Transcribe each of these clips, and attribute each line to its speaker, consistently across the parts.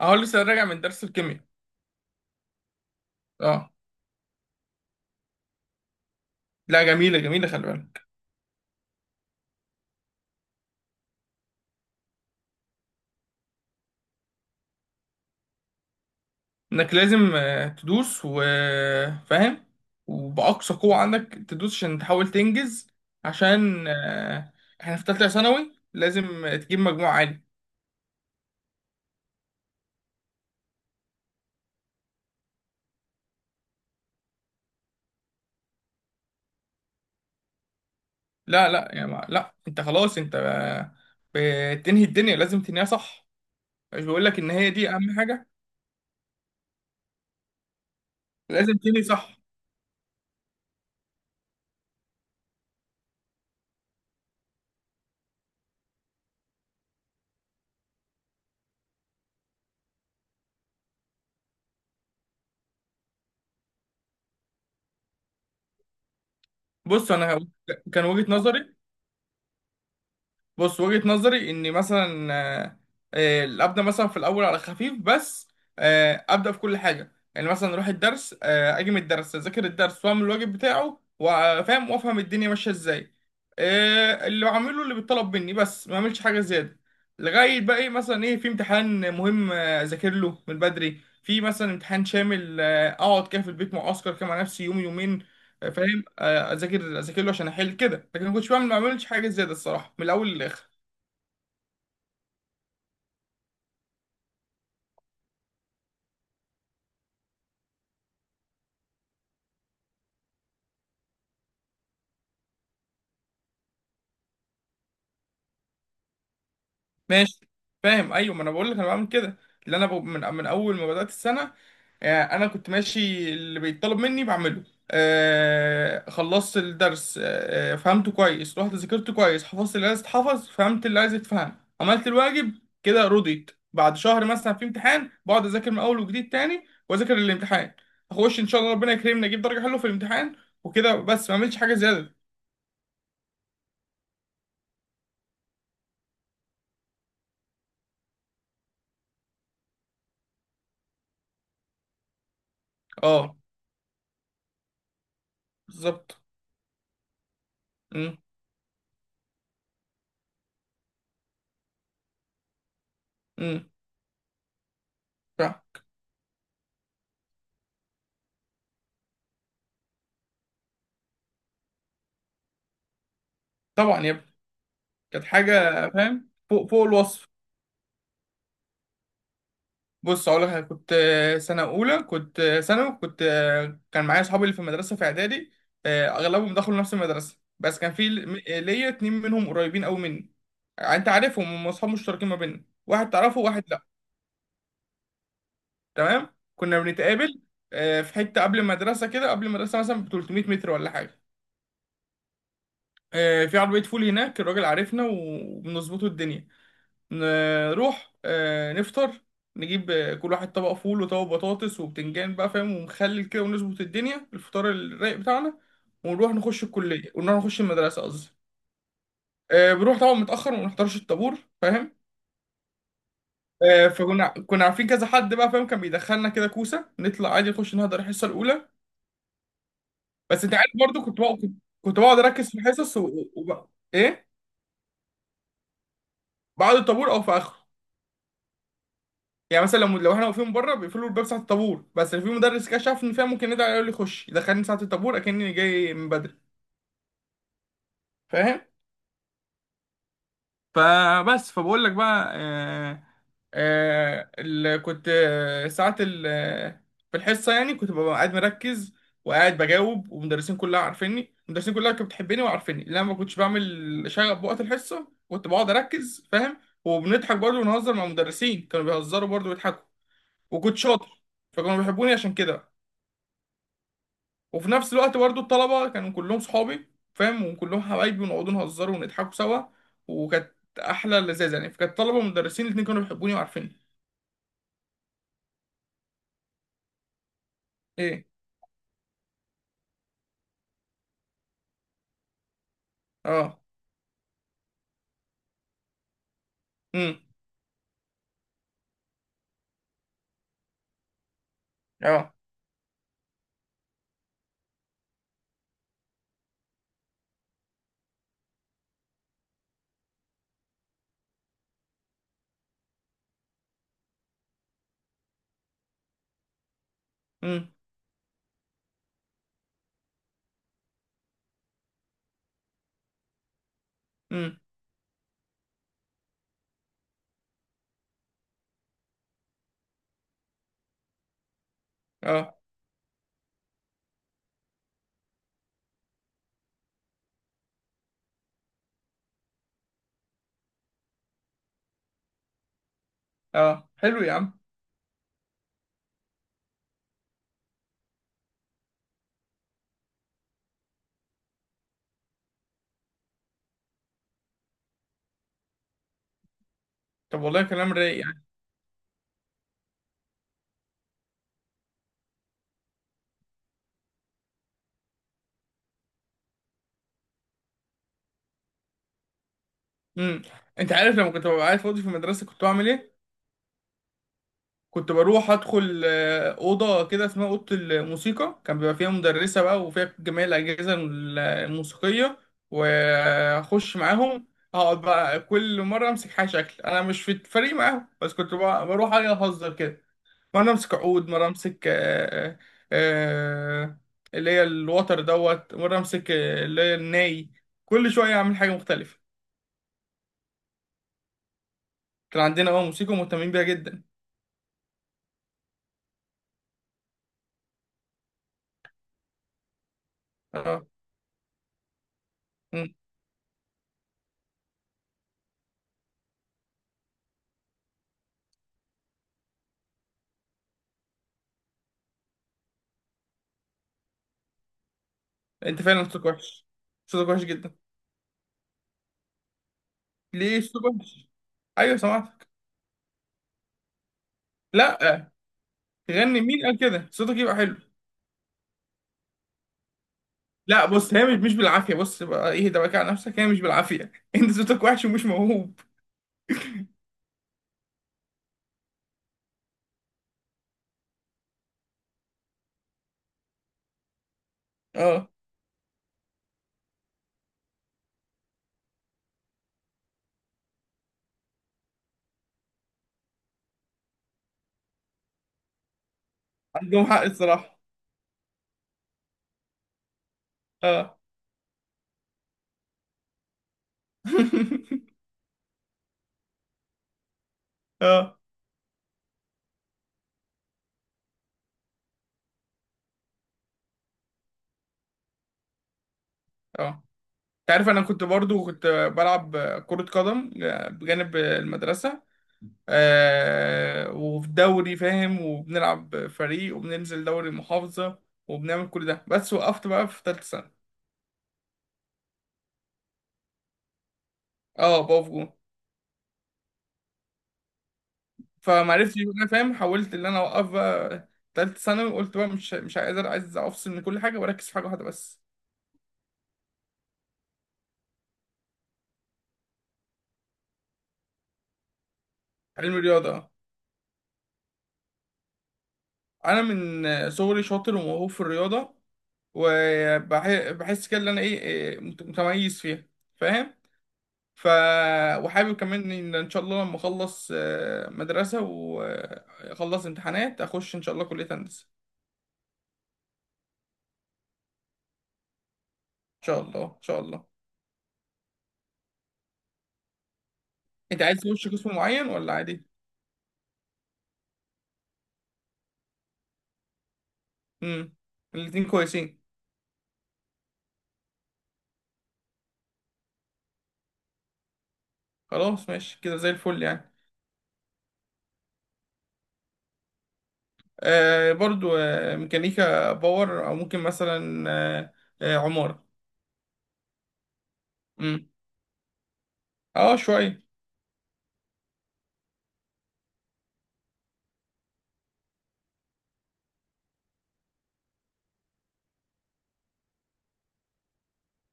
Speaker 1: اهو لسه راجع من درس الكيمياء. اه، لا، جميلة جميلة، خلي بالك انك لازم تدوس وفاهم، وبأقصى قوة عندك تدوس عشان تحاول تنجز، عشان احنا في تالتة ثانوي لازم تجيب مجموع عالي. لا لا يا ما لا، انت خلاص، انت بتنهي الدنيا لازم تنهيها صح. مش بقول لك ان هي دي اهم حاجة، لازم تنهي صح. بص، انا كان وجهة نظري، بص وجهة نظري ان مثلا ابدا مثلا في الاول على خفيف بس، ابدا في كل حاجه، يعني مثلا اروح الدرس، اجي من الدرس اذاكر الدرس واعمل الواجب بتاعه، وافهم وافهم الدنيا ماشيه ازاي، اللي بعمله اللي بيطلب مني، بس ما اعملش حاجه زياده. لغايه بقى ايه، مثلا ايه، في امتحان مهم اذاكر له من بدري، في مثلا امتحان شامل اقعد كده في البيت معسكر كده مع نفسي يوم يومين، فاهم، اذاكر له عشان احل كده، لكن ما بعملش حاجه زياده الصراحه من الاول للاخر. ماشي، فاهم، ايوه، ما انا بقول لك انا بعمل كده. اللي انا من اول ما بدات السنه، انا كنت ماشي اللي بيطلب مني بعمله، خلصت الدرس، فهمته كويس، رحت ذاكرته كويس، حفظت اللي عايز يتحفظ، فهمت اللي عايز يتفهم، عملت الواجب كده، رضيت. بعد شهر مثلا في امتحان بقعد اذاكر من اول وجديد تاني واذاكر الامتحان، اخش ان شاء الله ربنا يكرمني اجيب درجه حلوه في الامتحان. وكده بس، ما اعملش حاجه زياده. اه، بالظبط. امم. امم. طبعا يا ابني. كانت حاجة فاهم فوق فوق الوصف. بص أقول لك حاجة، كنت سنة أولى كنت ثانوي، كنت كان معايا أصحابي اللي في المدرسة في إعدادي، أغلبهم دخلوا نفس المدرسة، بس كان في ليا اتنين منهم قريبين أوي مني. يعني أنت عارفهم، هم أصحاب مشتركين ما بيننا، واحد تعرفه وواحد لأ. تمام. كنا بنتقابل في حتة قبل المدرسة كده، قبل المدرسة مثلا ب 300 متر ولا حاجة، في عربية فول هناك الراجل عارفنا وبنظبطه الدنيا، نروح نفطر، نجيب كل واحد طبق فول وطبق بطاطس وبتنجان بقى فاهم، ومخلل كده، ونظبط الدنيا الفطار الرايق بتاعنا، ونروح نخش الكلية، ونروح نخش المدرسة قصدي. بنروح طبعا متأخر وما نحضرش الطابور فاهم. فكنا عارفين كذا حد بقى فاهم، كان بيدخلنا كده كوسة، نطلع عادي نخش نهدر الحصة الأولى. بس أنت عارف برضه كنت بقعد، كنت بقعد أركز في الحصص إيه، بعد الطابور أو في آخره. يعني مثلا لو احنا واقفين بره بيقفلوا الباب ساعه الطابور، بس لو في مدرس كده شاف ان فيها، ممكن يدعي يقول لي خش، يدخلني ساعه الطابور اكني جاي من بدري. فاهم. فبقول لك بقى آه آه ال- كنت آه، ساعه ال- آه، في الحصه يعني كنت ببقى قاعد مركز، وقاعد بجاوب، والمدرسين كلها عارفيني، المدرسين كلها كانت بتحبني وعارفيني، لان انا ما كنتش بعمل شغب بوقت الحصه، كنت بقعد اركز فاهم. وبنضحك برضه ونهزر مع المدرسين، كانوا بيهزروا برضه ويضحكوا. وكنت شاطر، فكانوا بيحبوني عشان كده. وفي نفس الوقت برضو الطلبة كانوا كلهم صحابي فاهم، وكلهم حبايبي، ونقعد نهزروا ونضحكوا سوا. وكانت أحلى لذاذة يعني، فكانت طلبة ومدرسين الاتنين كانوا بيحبوني وعارفيني. إيه. أه. أمم. أه. أمم. أمم. أه. أه، حلو يا عم. طب والله كلام رايق يعني. أمم. أنت عارف لما كنت ببقى قاعد فاضي في المدرسة كنت بعمل إيه؟ كنت بروح ادخل اوضه كده اسمها اوضه الموسيقى، كان بيبقى فيها مدرسه بقى، وفيها جميع الاجهزه الموسيقيه، واخش معاهم. اقعد بقى كل مره امسك حاجه، شكل انا مش في الفريق معاهم، بس بروح أجي اهزر كده. مره امسك عود، مره امسك آه، اللي هي الوتر دوت، مره امسك اللي هي الناي، كل شويه اعمل حاجه مختلفه. كان عندنا اه موسيقى مهتمين بيها جدا. اه. مم. انت فعلا صوتك وحش، صوتك وحش جدا. ليه صوت وحش. ايوه سمعتك. لا، غني مين قال كده صوتك يبقى حلو. لا بص، هي مش مش بالعافيه، بص بقى ايه ده بقى على نفسك، هي مش بالعافيه. انت صوتك وحش ومش موهوب. اه، عندهم حق الصراحه. اه. اه. اه، انت عارف انا كنت برضو كنت بلعب كرة قدم بجانب المدرسة، آه، وفي دوري فاهم، وبنلعب فريق وبننزل دوري محافظة، وبنعمل كل ده. بس وقفت بقى في تالتة سنة. اه، بقف جون. فمعرفتش انا فاهم، حاولت ان انا اوقف بقى تالتة ثانوي، وقلت بقى مش مش قادر، عايز افصل من كل حاجه واركز في حاجه واحده بس. علم الرياضه. انا من صغري شاطر وموهوب في الرياضه، وبحس كده ان انا ايه إيه، متميز فيها فاهم. ف، وحابب كمان ان ان شاء الله لما اخلص مدرسه واخلص امتحانات اخش ان شاء الله كليه هندسه. ان شاء الله ان شاء الله. انت عايز تخش قسم معين ولا عادي؟ امم، الاتنين كويسين. خلاص ماشي كده زي الفل يعني. آه برضو آه ميكانيكا باور، او ممكن مثلا عمارة. امم. اه شوية.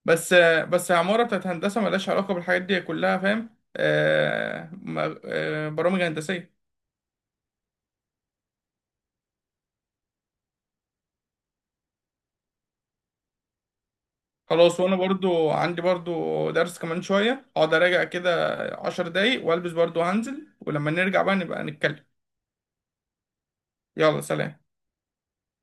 Speaker 1: بس آه بس عمارة بتاعت هندسة ملهاش علاقة بالحاجات دي كلها فاهم، آه برامج هندسية. خلاص، وانا برضو عندي برضو درس كمان شوية، اقعد اراجع كده عشر دقايق والبس برضو هنزل، ولما نرجع بقى نبقى نتكلم. يلا سلام.